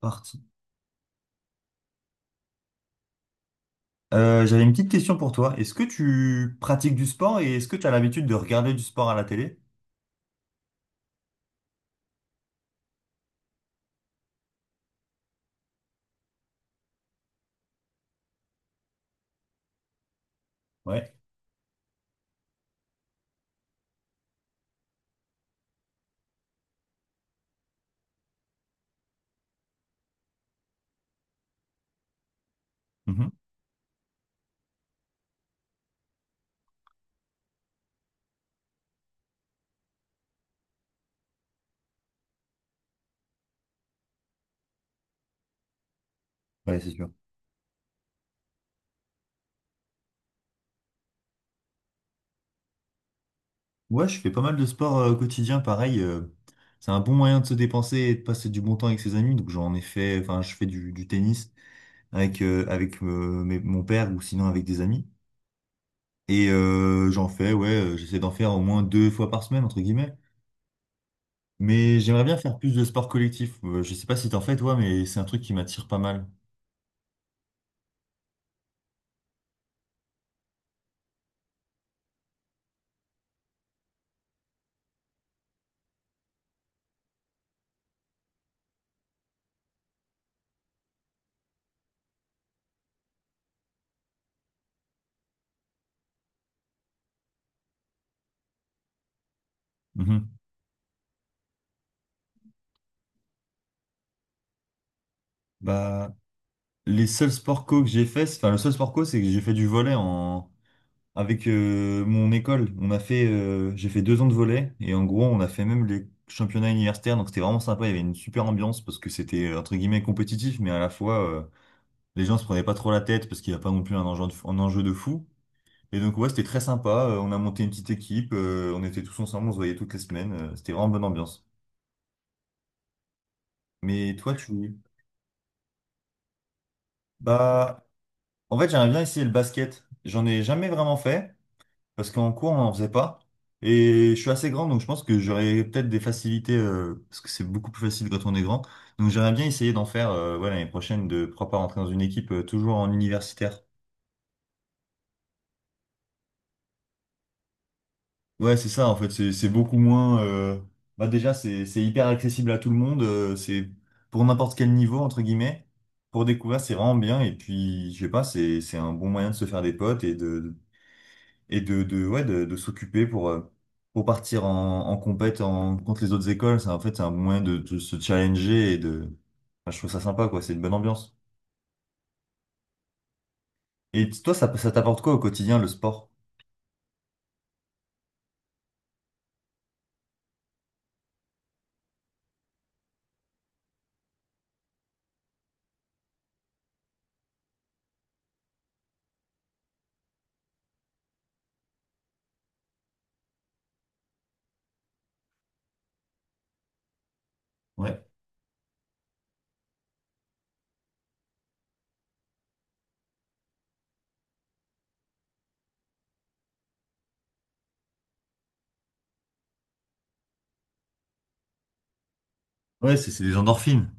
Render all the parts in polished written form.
Parti. J'avais une petite question pour toi. Est-ce que tu pratiques du sport et est-ce que tu as l'habitude de regarder du sport à la télé? Ouais. Mhm. Ouais, c'est sûr. Ouais, je fais pas mal de sport quotidien, pareil. C'est un bon moyen de se dépenser et de passer du bon temps avec ses amis. Donc j'en ai fait, enfin je fais du tennis avec, avec mon père ou sinon avec des amis. Et j'en fais, ouais, j'essaie d'en faire au moins deux fois par semaine, entre guillemets. Mais j'aimerais bien faire plus de sport collectif. Je sais pas si t'en fais toi, mais c'est un truc qui m'attire pas mal. Mhm. Bah, les seuls sports co que j'ai fait, enfin le seul sport co, c'est que j'ai fait du volley en avec mon école. On a fait, j'ai fait deux ans de volley et en gros on a fait même les championnats universitaires. Donc c'était vraiment sympa. Il y avait une super ambiance parce que c'était entre guillemets compétitif, mais à la fois les gens se prenaient pas trop la tête parce qu'il n'y a pas non plus un enjeu de, un enjeu de fou. Et donc ouais, c'était très sympa. On a monté une petite équipe. On était tous ensemble. On se voyait toutes les semaines. C'était vraiment bonne ambiance. Mais toi, tu, bah en fait j'aimerais bien essayer le basket. J'en ai jamais vraiment fait, parce qu'en cours, on n'en faisait pas. Et je suis assez grand, donc je pense que j'aurais peut-être des facilités, parce que c'est beaucoup plus facile quand on est grand. Donc j'aimerais bien essayer d'en faire ouais, l'année prochaine, de pourquoi pas rentrer dans une équipe toujours en universitaire. Ouais, c'est ça, en fait, c'est beaucoup moins... Bah déjà, c'est hyper accessible à tout le monde, c'est pour n'importe quel niveau, entre guillemets. Pour découvrir, c'est vraiment bien, et puis, je sais pas, c'est un bon moyen de se faire des potes ouais, de s'occuper pour partir en, en compète en, contre les autres écoles. C'est, en fait, c'est un bon moyen de se challenger et de. Enfin, je trouve ça sympa, quoi. C'est une bonne ambiance. Et toi, ça t'apporte quoi au quotidien, le sport? Ouais. Ouais, c'est des endorphines.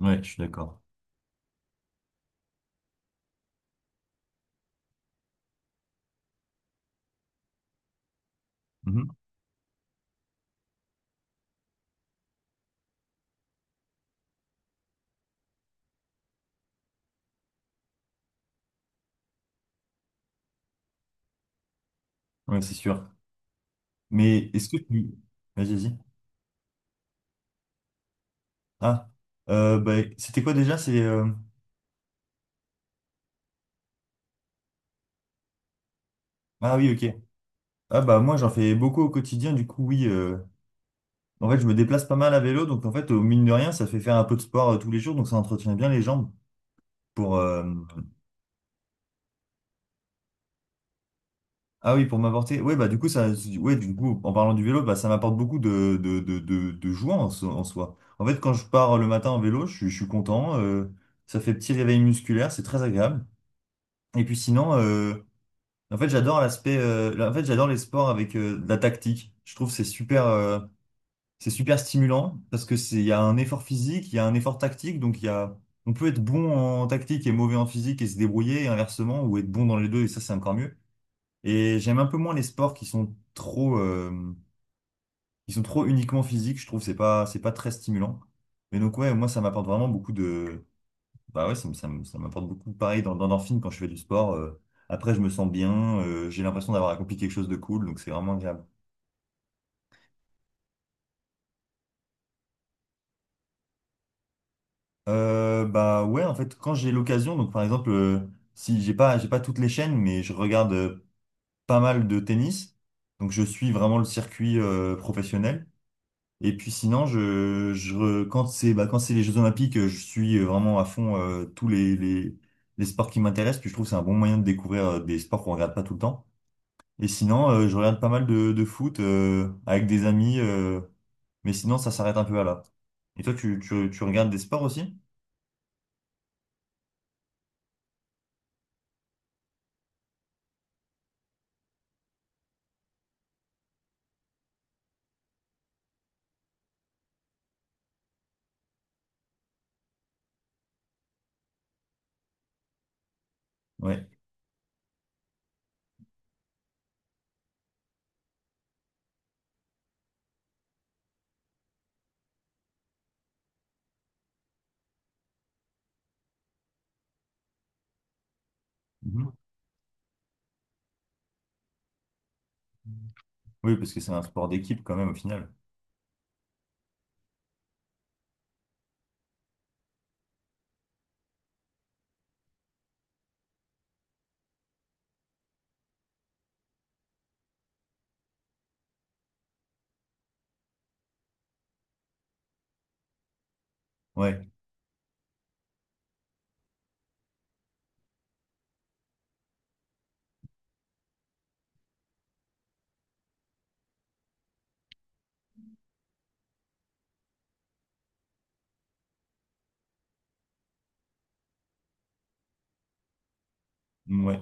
Ouais, je suis d'accord. Mhm. Ouais, c'est sûr. Mais est-ce que tu. Vas-y, vas-y. Ah, bah, c'était quoi déjà? C'est. Ah oui, ok. Ah bah moi j'en fais beaucoup au quotidien, du coup oui, en fait, je me déplace pas mal à vélo, donc en fait, au mine de rien, ça fait faire un peu de sport tous les jours, donc ça entretient bien les jambes pour. Ah oui, pour m'apporter. Oui, bah du coup, ça, ouais, du coup, en parlant du vélo, bah ça m'apporte beaucoup de joie en, en soi. En fait, quand je pars le matin en vélo, je suis content. Ça fait petit réveil musculaire, c'est très agréable. Et puis sinon, en fait, j'adore l'aspect. Là, en fait, j'adore les sports avec de la tactique. Je trouve que c'est super. C'est super stimulant parce que c'est, il y a un effort physique, il y a un effort tactique, donc il y a, on peut être bon en tactique et mauvais en physique et se débrouiller et inversement ou être bon dans les deux et ça c'est encore mieux. Et j'aime un peu moins les sports qui sont trop uniquement physiques. Je trouve que c'est pas très stimulant. Mais donc ouais, moi ça m'apporte vraiment beaucoup de, bah ouais, ça m'apporte beaucoup. Pareil dans l'endorphine quand je fais du sport. Après je me sens bien, j'ai l'impression d'avoir accompli quelque chose de cool, donc c'est vraiment agréable. Bah ouais, en fait, quand j'ai l'occasion, donc par exemple, si j'ai pas, j'ai pas toutes les chaînes, mais je regarde pas mal de tennis, donc je suis vraiment le circuit professionnel. Et puis sinon, quand c'est bah, quand c'est les Jeux Olympiques, je suis vraiment à fond les sports qui m'intéressent. Puis je trouve que c'est un bon moyen de découvrir des sports qu'on regarde pas tout le temps. Et sinon, je regarde pas mal de foot avec des amis, mais sinon ça s'arrête un peu à là. Et toi, tu regardes des sports aussi? Ouais. Oui, parce que c'est un sport d'équipe quand même au final. Ouais, ouais.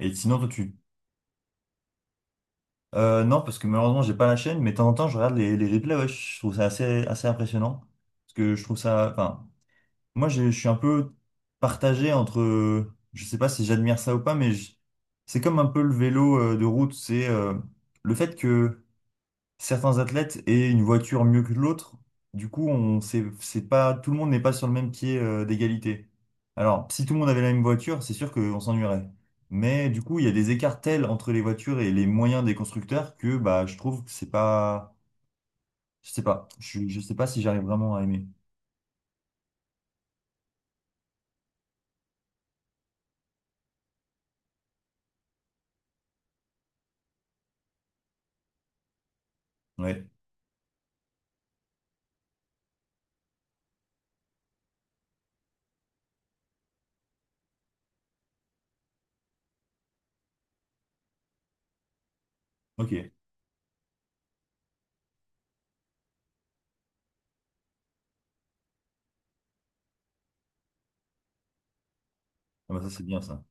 Et sinon, toi, tu... Non, parce que malheureusement, j'ai pas la chaîne, mais de temps en temps, je regarde les replays, ouais, je trouve ça assez, assez impressionnant. Parce que je trouve ça... Enfin, moi, je suis un peu partagé entre... Je sais pas si j'admire ça ou pas, c'est comme un peu le vélo de route. C'est le fait que... certains athlètes aient une voiture mieux que l'autre. Du coup, on c'est pas tout le monde n'est pas sur le même pied d'égalité. Alors, si tout le monde avait la même voiture, c'est sûr qu'on s'ennuierait. Mais du coup, il y a des écarts tels entre les voitures et les moyens des constructeurs que bah je trouve que c'est pas je sais pas, je sais pas si j'arrive vraiment à aimer. Ouais. OK. Ah bah ça c'est bien ça.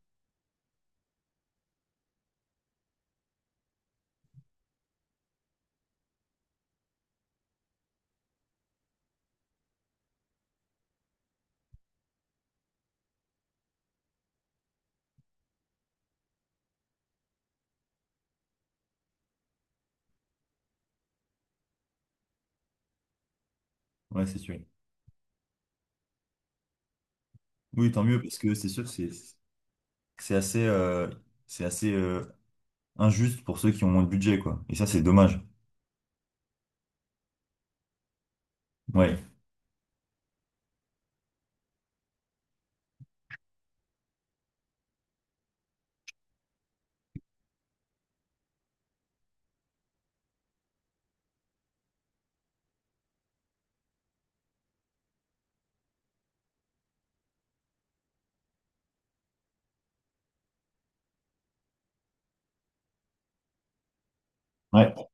Ouais, c'est sûr. Oui, tant mieux parce que c'est sûr que c'est que c'est assez euh, c'est assez injuste pour ceux qui ont moins de budget quoi. Et ça c'est dommage. Ouais. Ouais.